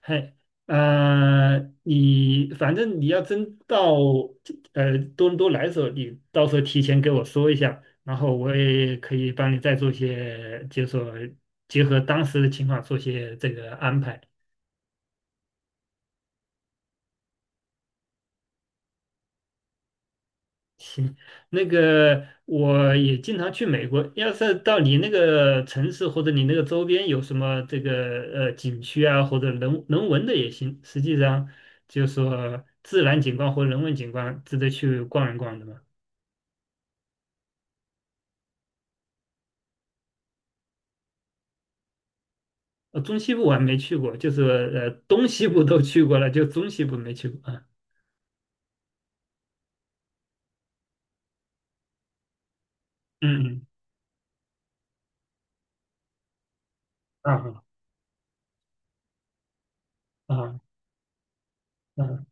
嘿，你反正你要真到多伦多来的时候，你到时候提前给我说一下，然后我也可以帮你再做些，就是说结合当时的情况做些这个安排。行。那个我也经常去美国，要是到你那个城市或者你那个周边有什么这个景区啊，或者人文的也行，实际上就是说自然景观或人文景观值得去逛一逛的嘛。中西部我还没去过，就是东西部都去过了，就中西部没去过啊。嗯嗯。啊啊啊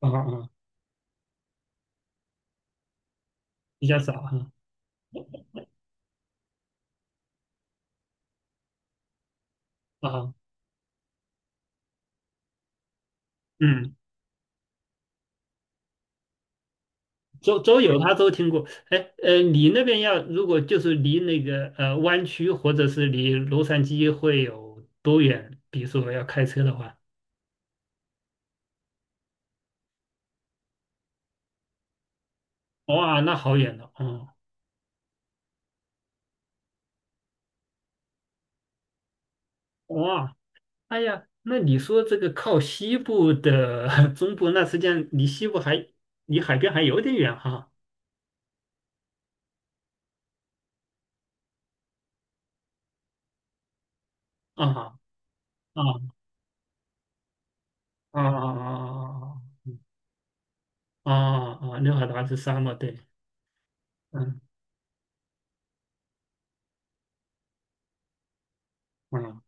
啊啊，比较少啊。啊。嗯，周游他都听过。哎。你那边要如果就是离那个湾区或者是离洛杉矶会有多远？比如说要开车的话。哇，那好远了哦。哇，哎呀，那你说这个靠西部的 中部，那实际上离海边还有点远哈。啊。啊啊啊啊啊啊！啊！啊啊，六海达是沙漠，对。嗯。嗯，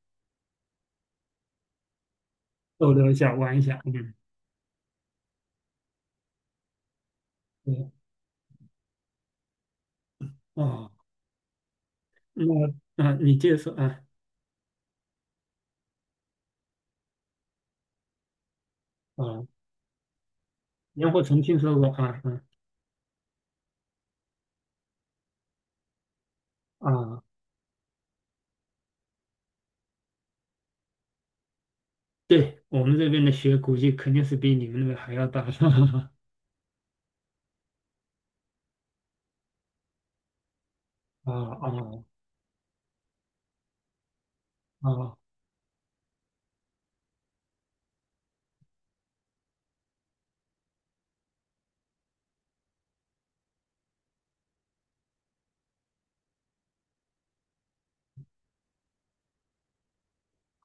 逗留一下，玩一下。嗯。对。啊。那啊，你接着说啊。啊，年货曾听说过啊。嗯。啊。对我们这边的雪估计肯定是比你们那边还要大。啊啊啊。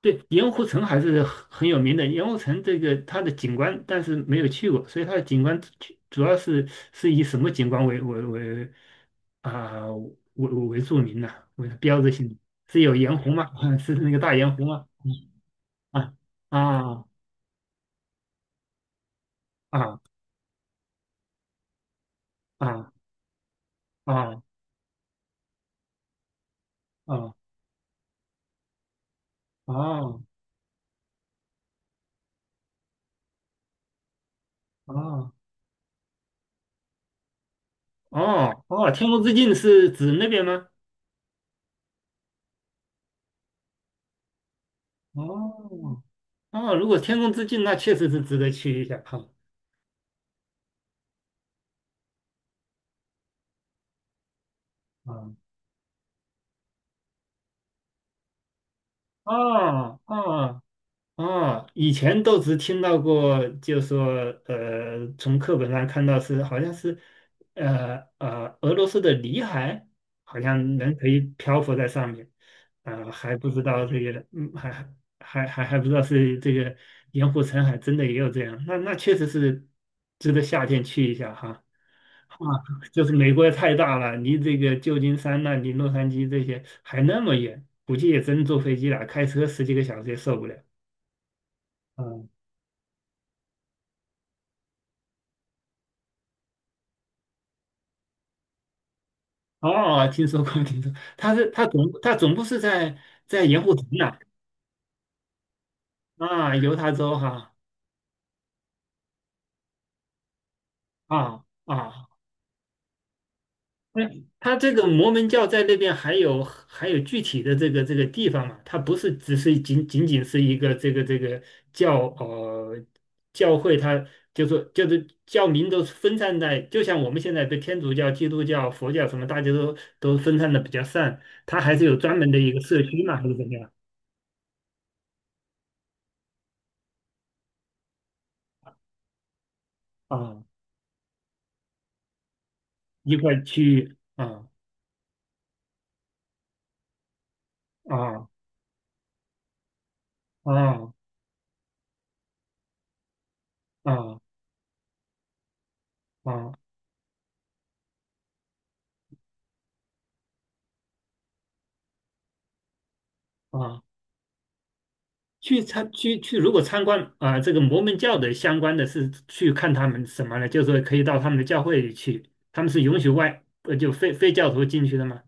对，盐湖城还是很有名的。盐湖城这个它的景观，但是没有去过，所以它的景观主要是是以什么景观啊、为著名呢、为标志性的。是有盐湖吗？是那个大盐湖吗？嗯。啊啊啊啊啊啊。哦哦哦哦！天空之镜是指那边吗？哦哦。如果天空之镜，那确实是值得去一下哈。啊。哦哦。啊，以前都只听到过，就说从课本上看到好像是，俄罗斯的里海好像人可以漂浮在上面。还不知道这个。嗯。还不知道是这个盐湖城海真的也有这样，那确实是值得夏天去一下哈。啊。就是美国太大了，离这个旧金山呐、离洛杉矶这些还那么远，估计也真坐飞机了，开车十几个小时也受不了。嗯。哦。哦哦，听说过，听说过。他是他总部是在盐湖城呐。啊。犹他州哈。啊啊。那他这个摩门教在那边还有具体的这个地方嘛？它不是只是仅仅是一个这个教呃教会它，就是教民都分散在，就像我们现在的天主教、基督教、佛教什么，大家都分散的比较散，它还是有专门的一个社区嘛，还是怎么样？啊，一块儿去啊。啊啊啊啊啊。去参去去，如果参观啊这个摩门教的相关的是去看他们什么呢？就是说可以到他们的教会里去，他们是允许就非教徒进去的吗？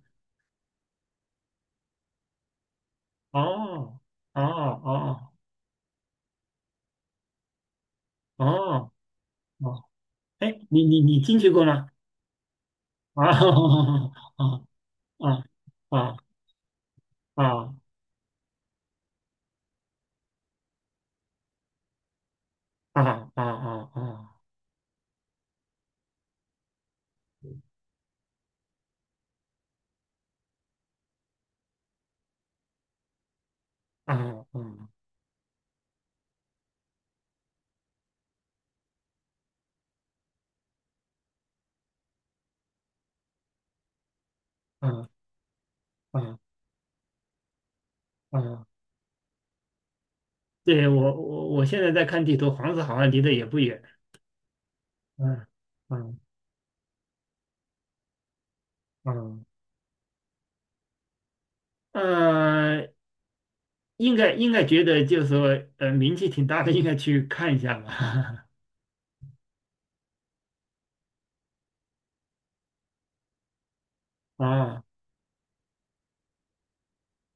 哦哦哦哦哦。哎，你进去过吗？啊。 啊啊啊啊啊啊啊啊啊啊啊啊！啊啊。对，我现在在看地图，黄石好像离得也不远。嗯嗯嗯。嗯，应该觉得就是说，名气挺大的，应该去看一下吧。哦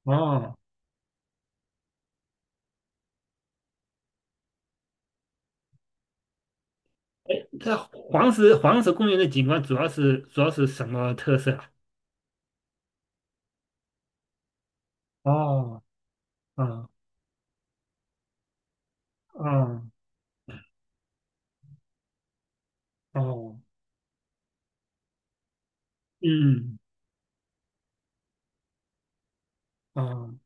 哦。哎，它黄石公园的景观主要是什么特色啊。哦哦哦哦。嗯。哦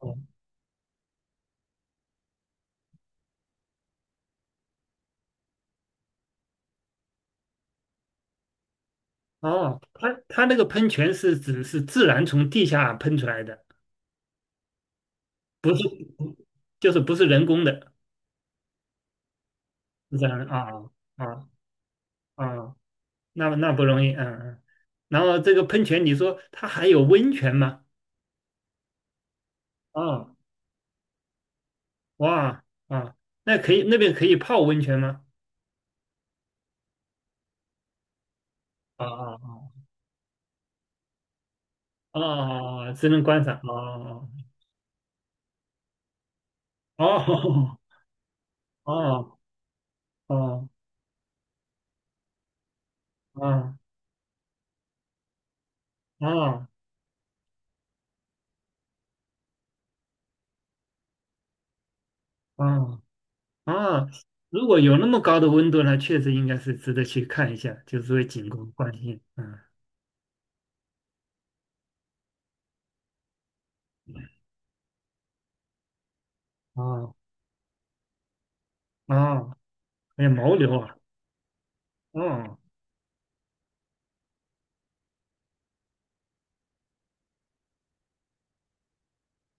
哦哦。它那个喷泉是指是自然从地下喷出来的，就是不是人工的，是这样的啊。啊。啊啊那不容易。嗯嗯。然后这个喷泉，你说它还有温泉吗？啊、哇啊。那可以，那边可以泡温泉吗？啊啊啊！啊！哦，只能观赏。哦。哦哦哦哦哦哦哦！哦，如果有那么高的温度呢，确实应该是值得去看一下，就是为景观关心。嗯。哦哦。哎呀，牦牛啊。嗯。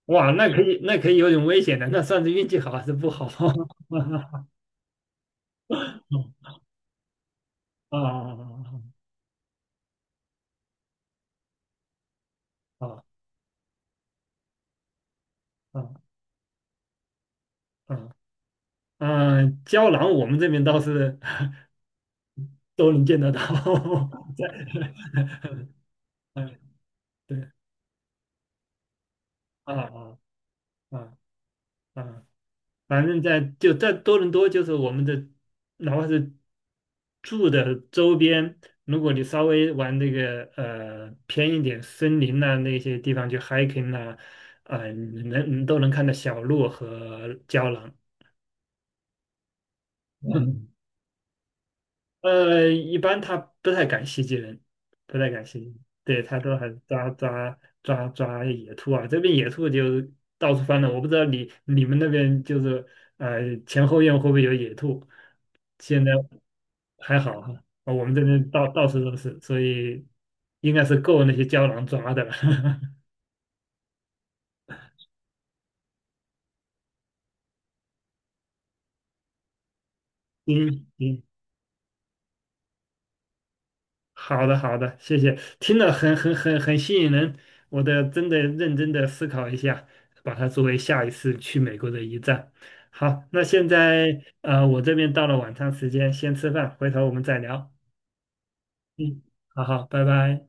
哇，那可以，那可以有点危险的，那算是运气好还是不好？嗯。啊啊啊啊啊啊！嗯，胶囊我们这边倒是 都能见得到。在。嗯。对。啊啊啊啊。反正就在多伦多，就是我们的，哪怕是住的周边，如果你稍微往那个偏一点森林呐、那些地方去 hiking 呐、啊，你都能看到小鹿和胶囊。一般他不太敢袭击人，不太敢袭击。对，他都还抓野兔啊，这边野兔就到处翻了。我不知道你们那边就是前后院会不会有野兔？现在还好哈。啊，我们这边到处都是，所以应该是够那些胶囊抓的了。嗯嗯。好的，好的，谢谢，听了很吸引人。我得真的认真的思考一下，把它作为下一次去美国的一站。好，那现在我这边到了晚餐时间，先吃饭，回头我们再聊。嗯。好好，拜拜。